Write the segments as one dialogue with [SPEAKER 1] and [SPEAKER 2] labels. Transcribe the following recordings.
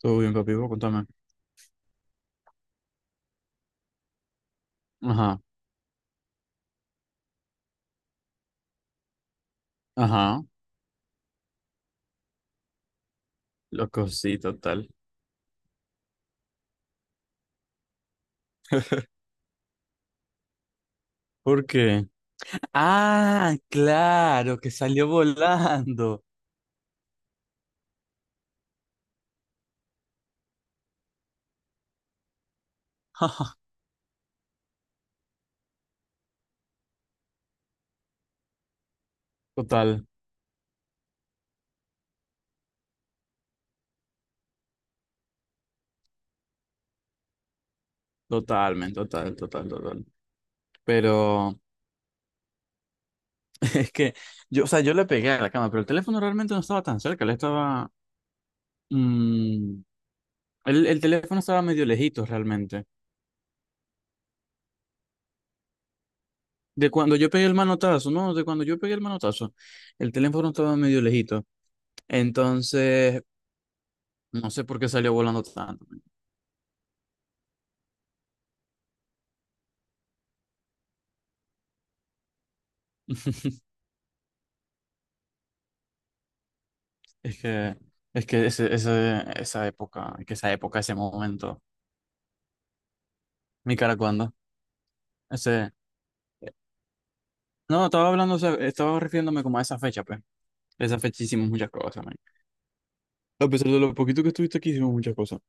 [SPEAKER 1] Todo bien, papi, vos contame. Ajá, ajá, loco, sí, total. ¿Por qué? Ah, claro, que salió volando. Total, totalmente, total, total, total. Pero es que yo, o sea, yo le pegué a la cama, pero el teléfono realmente no estaba tan cerca, le estaba... mm, el teléfono estaba medio lejito realmente. De cuando yo pegué el manotazo, no, de cuando yo pegué el manotazo, el teléfono estaba medio lejito. Entonces, no sé por qué salió volando tanto. Es que, es que esa época, es que esa época, ese momento, mi cara cuando, ese, no, estaba hablando, o sea, estaba refiriéndome como a esa fecha, pues, esa fecha hicimos muchas cosas, man. A pesar de lo poquito que estuviste aquí, hicimos muchas cosas.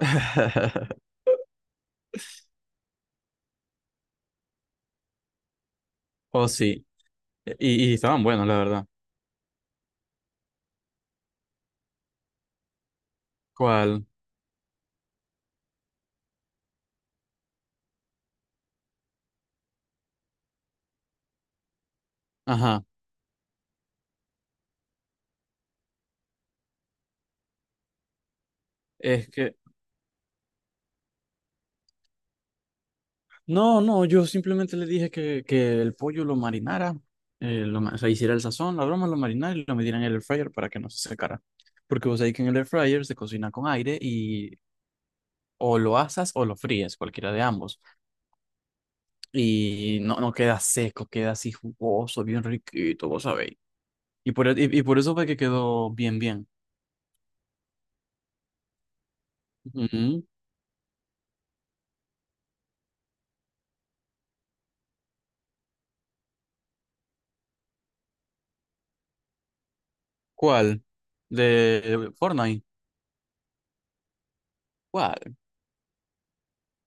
[SPEAKER 1] Oh, sí, y estaban buenos, la verdad. ¿Cuál? Ajá, es que, no, no, yo simplemente le dije que el pollo lo marinara, lo ma- o sea, hiciera el sazón, la broma, lo marinara y lo metiera en el air fryer para que no se secara. Porque vos sabés que en el air fryer se cocina con aire y o lo asas o lo fríes, cualquiera de ambos. Y no, no queda seco, queda así jugoso, bien riquito, vos sabéis. Y por eso fue que quedó bien, bien. Ujú. ¿Cuál? ¿De Fortnite? ¿Cuál?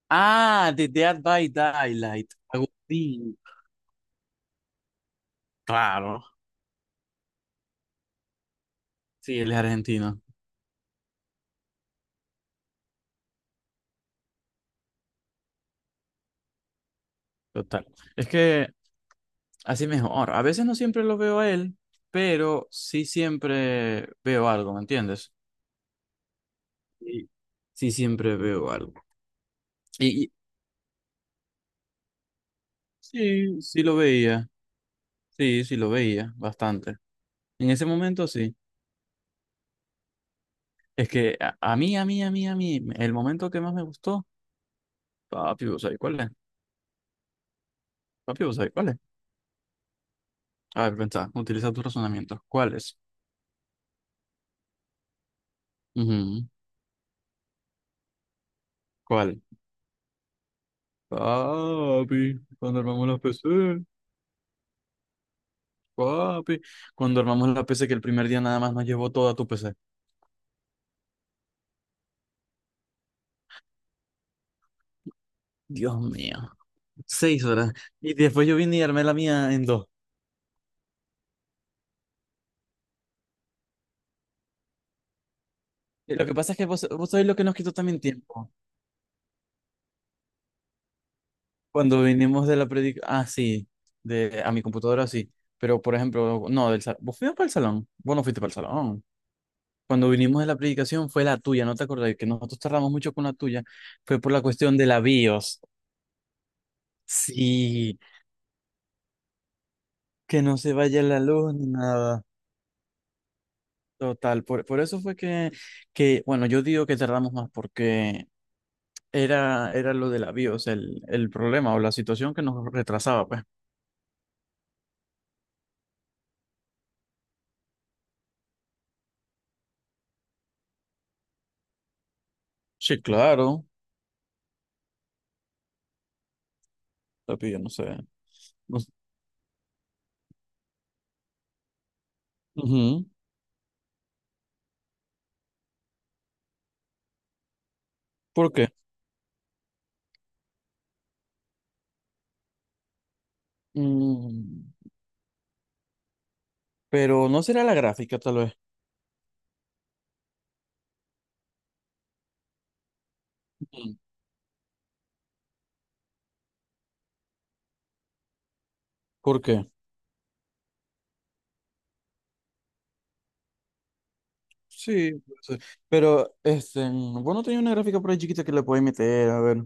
[SPEAKER 1] Ah, de Dead by Daylight. Agustín. Claro. Sí, él es argentino, total. Es que así mejor. A veces no siempre lo veo a él, pero sí siempre veo algo, ¿me entiendes? Sí, sí siempre veo algo. Y, y- sí, sí lo veía, sí, sí lo veía, bastante. En ese momento sí. Es que a mí, a mí, a mí, a mí, el momento que más me gustó, papi, ¿vos sabés cuál es? Papi, ¿vos sabés cuál es? A ver, pensá, utiliza tus razonamientos. ¿Cuál es? Ujú. ¿Cuál? Papi, cuando armamos los PC. Papi, cuando armamos la PC, que el primer día nada más nos llevó toda tu PC. Dios mío, 6 horas. Y después yo vine y armé la mía en dos. Y lo que pasa es que vos, vos sabés lo que nos quitó también tiempo. Cuando vinimos de la predica, ah, sí, de, a mi computadora, sí. Pero, por ejemplo, no, del salón. ¿Vos fuimos para el salón? Vos no fuiste para el salón. Cuando vinimos de la predicación fue la tuya, ¿no te acordás? Que nosotros tardamos mucho con la tuya. Fue por la cuestión de la BIOS. Sí, que no se vaya la luz ni nada. Total, por eso fue que, bueno, yo digo que tardamos más porque era lo de la bios el problema o la situación que nos retrasaba, pues. Sí, claro, papi, yo no sé. No s- Ujú. ¿Por qué? Mm, pero no será la gráfica, tal vez. Ujú. ¿Por qué? Sí, puede ser. Pero, este, bueno, tenía una gráfica por ahí chiquita que le podéis meter, a ver.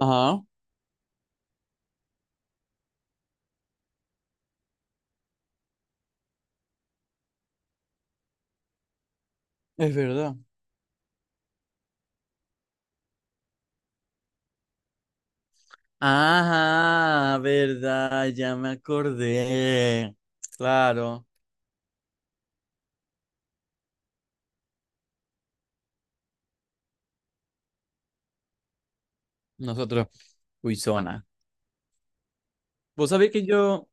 [SPEAKER 1] Ajá, es verdad. Ajá, verdad, ya me acordé. Claro. Nosotros, Uizona. Vos sabés que yo,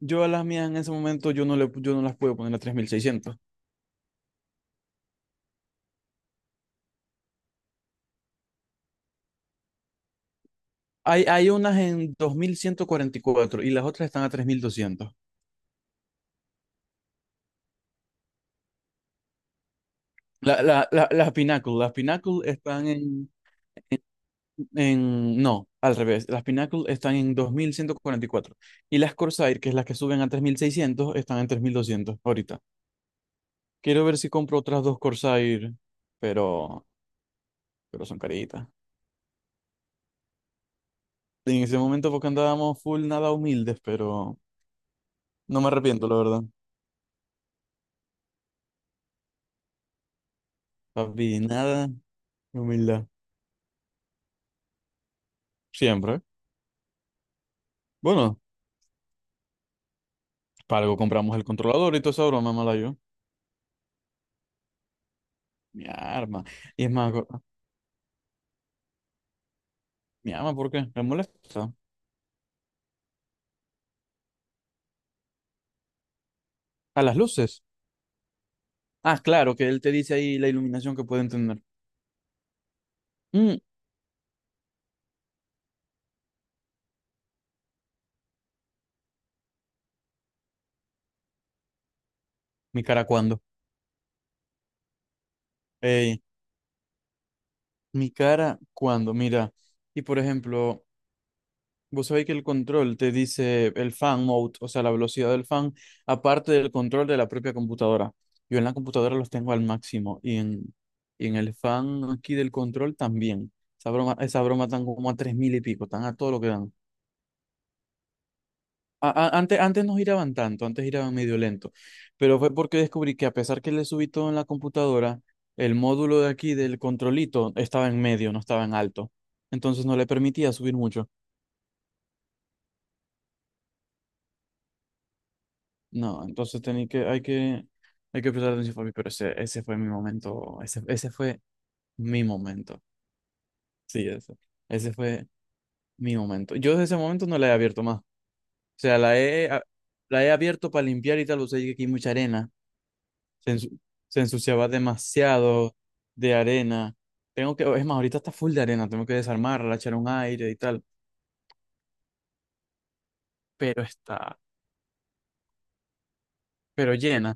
[SPEAKER 1] yo a las mías en ese momento yo no, le, yo no las puedo poner a 3600. Hay, hay unas en 2144 y las otras están a 3200. Las Pinnacle están en... No, al revés. Las Pinnacle están en 2144 y las Corsair, que es las que suben a 3600 están en 3200 ahorita. Quiero ver si compro otras dos Corsair, pero, pero son caritas. En ese momento porque andábamos full nada humildes, pero no me arrepiento, la verdad. Papi, nada de humildad. Siempre. Bueno, para algo compramos el controlador y toda esa broma, mala yo. Mi arma. Y es más, go- mi arma, ¿por qué? ¿Me molesta? A las luces. Ah, claro, que él te dice ahí la iluminación que pueden tener. Mm, mi cara, ¿cuándo? Ey, mi cara, ¿cuándo? Mira. Y por ejemplo. Vos sabéis que el control te dice el fan mode, o sea, la velocidad del fan, aparte del control de la propia computadora. Yo en la computadora los tengo al máximo y en el fan aquí del control también. Esa broma están como a 3000 y pico, están a todo lo que dan. Antes no giraban tanto, antes giraban medio lento, pero fue porque descubrí que a pesar que le subí todo en la computadora, el módulo de aquí del controlito estaba en medio, no estaba en alto. Entonces no le permitía subir mucho. No, entonces tenía que, hay que, hay que prestar atención para mí, pero ese fue mi momento, ese fue mi momento. Sí, ese fue mi momento. Yo desde ese momento no la he abierto más. O sea, la he, a- la he abierto para limpiar y tal, o sea, que aquí hay mucha arena, se, ensu- se ensuciaba demasiado de arena. Tengo que, es más, ahorita está full de arena, tengo que desarmarla, echar un aire y tal, pero está, pero llena.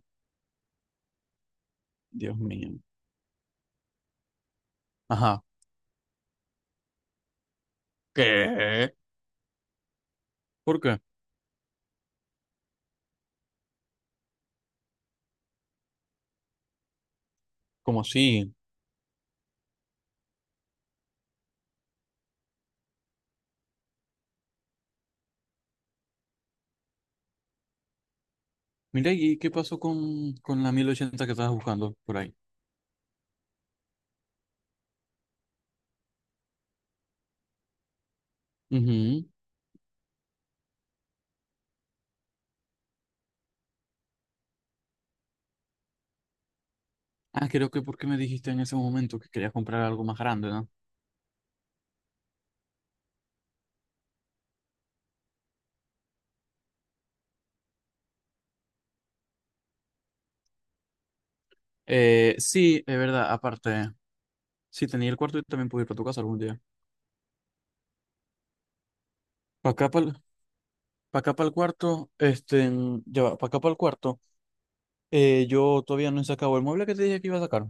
[SPEAKER 1] Dios mío. Ajá. ¿Qué? ¿Por qué? ¿Cómo así? Mira, ¿y qué pasó con la 1080 que estabas buscando por ahí? Ujú. Ah, creo que porque me dijiste en ese momento que querías comprar algo más grande, ¿no? Sí, es verdad, aparte, sí tenía el cuarto y también pude ir para tu casa algún día. Para acá, para acá, para el cuarto, este, para acá, para el cuarto, yo todavía no he sacado el mueble que te dije que iba a sacar.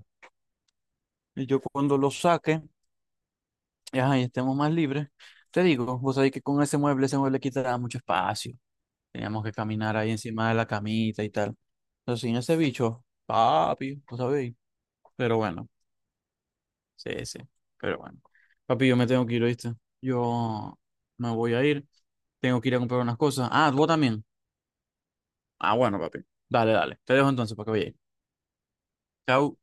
[SPEAKER 1] Y yo cuando lo saque, ajá, y estemos más libres, te digo, vos sabés que con ese mueble quita mucho espacio. Teníamos que caminar ahí encima de la camita y tal. Pero sin ese bicho, papi, ¿no sabéis? Pero bueno, sí, sí. Pero bueno. Papi, yo me tengo que ir, ¿oíste? Yo me voy a ir. Tengo que ir a comprar unas cosas. Ah, vos también. Ah, bueno, papi. Dale, dale. Te dejo entonces para que vayas. Chau.